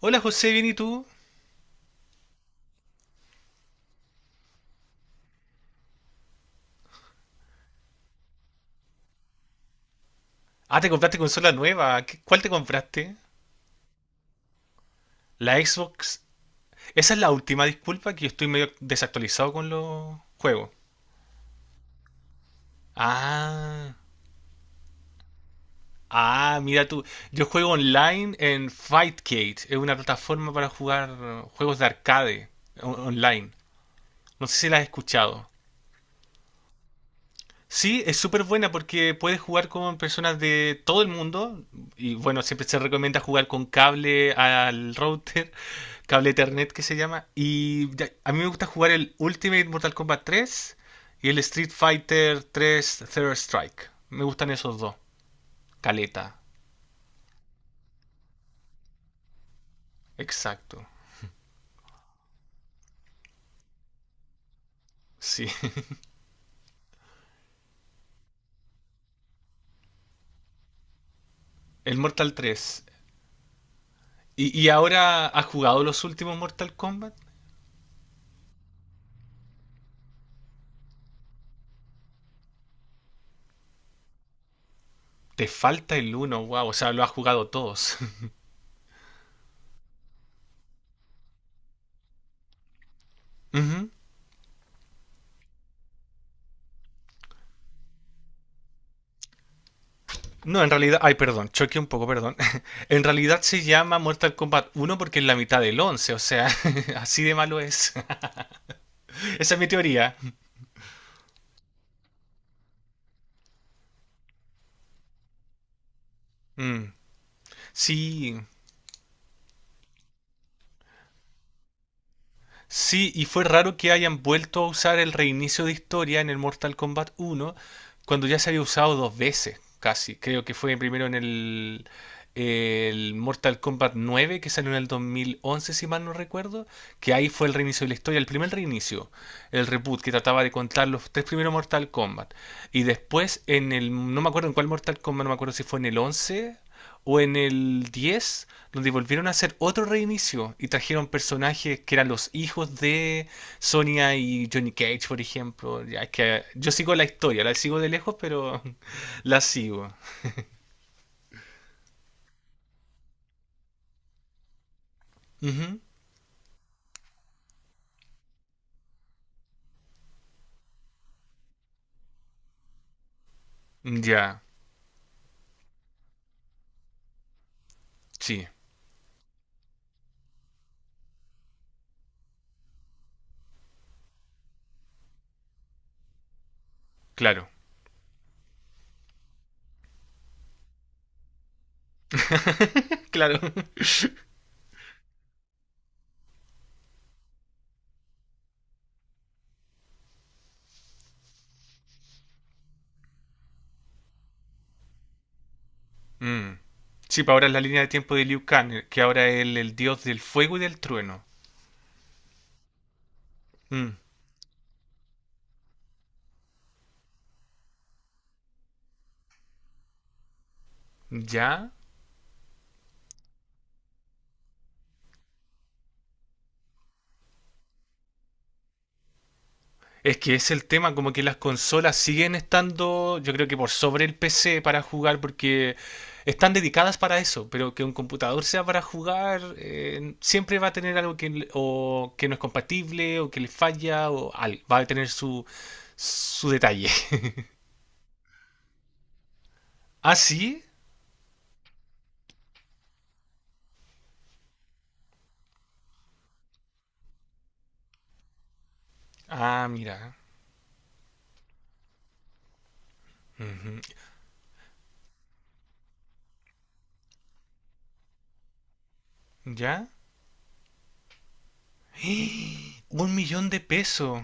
Hola José, ¿bien y tú? Ah, te compraste consola nueva. ¿Qué- ¿Cuál te compraste? La Xbox. Esa es la última, disculpa, que yo estoy medio desactualizado con los juegos. Ah, ah, mira tú. Yo juego online en Fightcade. Es una plataforma para jugar juegos de arcade online. No sé si la has escuchado. Sí, es súper buena porque puedes jugar con personas de todo el mundo y bueno, siempre se recomienda jugar con cable al router, cable Ethernet que se llama. A mí me gusta jugar el Ultimate Mortal Kombat tres y el Street Fighter tres Third Strike. Me gustan esos dos. Caleta, exacto. Sí, el Mortal tres. Y ahora has jugado los últimos Mortal Kombat? Te falta el uno, wow, o sea, lo has jugado todos. Ujú. No, en realidad, ay, perdón, choqué un poco, perdón. En realidad se llama Mortal Kombat uno porque es la mitad del 11. O sea, así de malo es. Esa es mi teoría. Mm. Sí. Sí, y fue raro que hayan vuelto a usar el reinicio de historia en el Mortal Kombat uno, cuando ya se había usado dos veces, casi. Creo que fue primero en el Mortal Kombat nueve, que salió en el 2011, si mal no recuerdo, que ahí fue el reinicio de la historia, el primer reinicio, el reboot que trataba de contar los tres primeros Mortal Kombat. Y después en el, no me acuerdo en cuál Mortal Kombat, no me acuerdo si fue en el 11. O en el 10 donde volvieron a hacer otro reinicio y trajeron personajes que eran los hijos de Sonia y Johnny Cage, por ejemplo. Ya es que yo sigo la historia, la sigo de lejos, pero la sigo. Ujú. Ya, sí, claro, claro. Mm. Sí, para ahora es la línea de tiempo de Liu Kang, que ahora es el dios del fuego y del trueno. Mm. Ya. Es que es el tema, como que las consolas siguen estando, yo creo que por sobre el PC para jugar, porque están dedicadas para eso, pero que un computador sea para jugar, siempre va a tener algo que, o que no es compatible, o que le falla, o va a tener su, su detalle. ¿Ah, sí? Ah, mira. Ujú. ¿Ya? Un millón de pesos.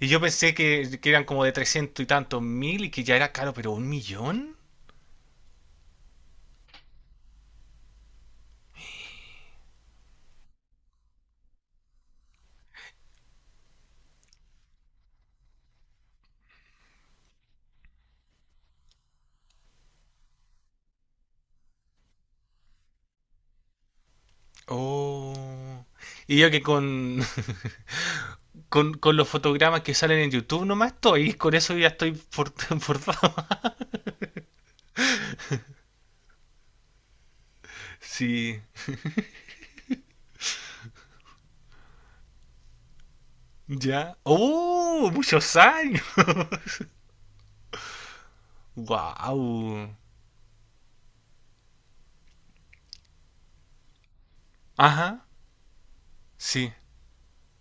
Y yo pensé que eran como de 300 y tantos mil y que ya era caro, pero un millón. Oh. Y yo que con, con los fotogramas que salen en YouTube nomás estoy, con eso ya estoy forzado. Sí, ya. ¡Oh! Muchos años. ¡Wow! Ajá, sí,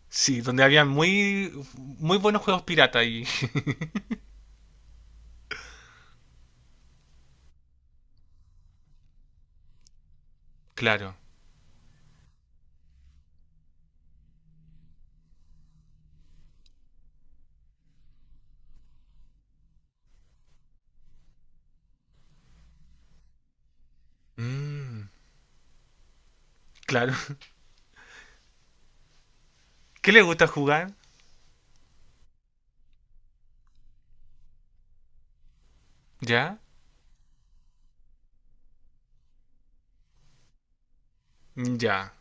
sí, donde había muy, muy buenos juegos pirata y... Claro. Mm, claro. ¿Qué le gusta jugar? ¿Ya? Ya.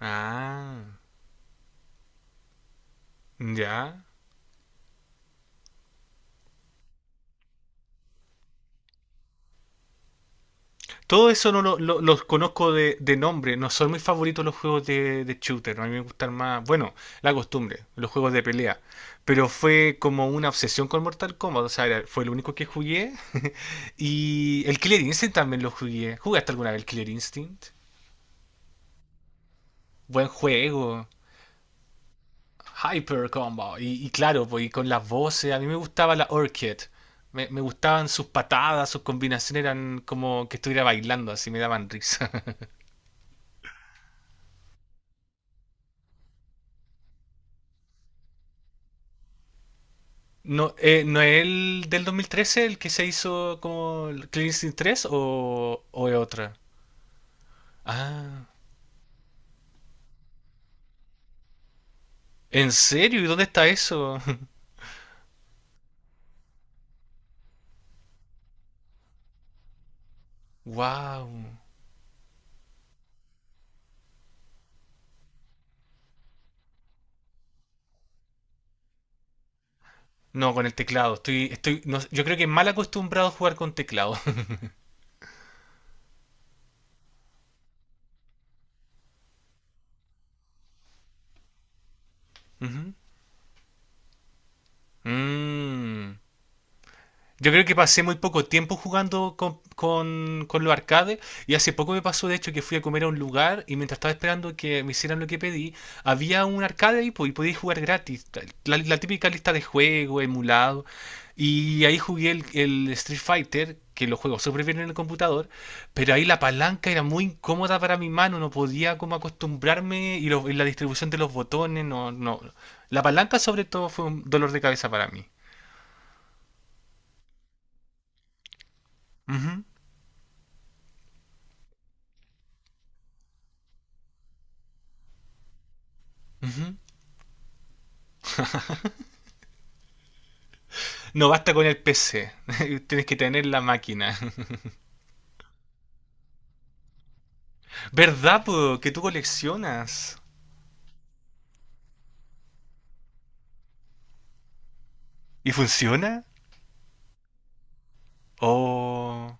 Ah, ya. Todo eso no lo, los conozco de nombre. No son mis favoritos los juegos de shooter. A mí me gustan más, bueno, la costumbre, los juegos de pelea. Pero fue como una obsesión con Mortal Kombat. O sea, fue lo único que jugué. Y el Killer Instinct también lo jugué. ¿Jugaste alguna vez el Killer Instinct? Buen juego. Hyper Combo. Y claro, pues, y con las voces. A mí me gustaba la Orchid. Me gustaban sus patadas, sus combinaciones eran como que estuviera bailando, así me daban risa. No, ¿no es el del 2013 el que se hizo como el Clean Instinct 3 o es otra? Ah, ¿en serio? ¿Y dónde está eso? Wow. No, con el teclado. Estoy, estoy, yo creo que mal acostumbrado a jugar con teclado. Ujú. Mm. Yo creo que pasé muy poco tiempo jugando con los arcades y hace poco me pasó de hecho que fui a comer a un lugar y mientras estaba esperando que me hicieran lo que pedí, había un arcade ahí po, y podía jugar gratis, la típica lista de juegos, emulado, y ahí jugué el Street Fighter, que lo juego súper bien en el computador, pero ahí la palanca era muy incómoda para mi mano, no podía como acostumbrarme y, y la distribución de los botones, no, no. La palanca sobre todo fue un dolor de cabeza para mí. Ujú, ujú. No basta con el PC, tienes que tener la máquina. ¿Verdad, po? Que tú coleccionas. ¿Y funciona? Oh,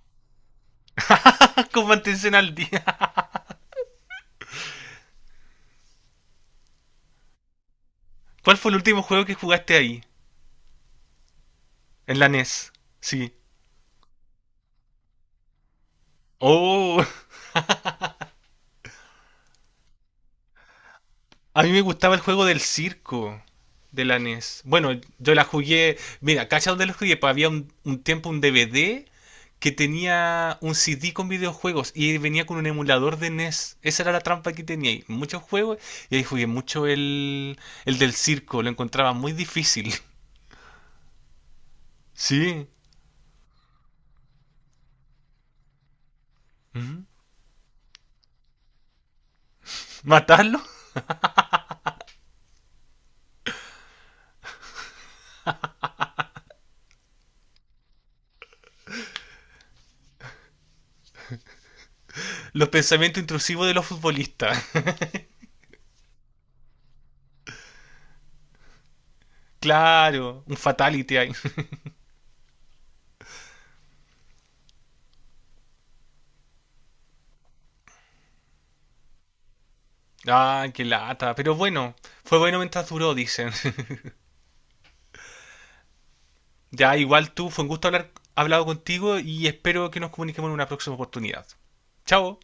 con mantención al día. ¿Cuál fue el último juego que jugaste ahí? En la NES. Sí. Oh. A mí me gustaba el juego del circo de la NES. Bueno, yo la jugué. Mira, ¿cachai dónde la jugué? Pues había un tiempo un DVD que tenía un CD con videojuegos y venía con un emulador de NES. Esa era la trampa que tenía ahí. Muchos juegos y ahí jugué mucho el del circo. Lo encontraba muy difícil. Sí. Ujú. ¿Matarlo? Los pensamientos intrusivos de los futbolistas. Claro, un fatality ahí. Ah, qué lata. Pero bueno, fue bueno mientras duró, dicen. Ya, igual tú, fue un gusto haber hablado contigo y espero que nos comuniquemos en una próxima oportunidad. Chao.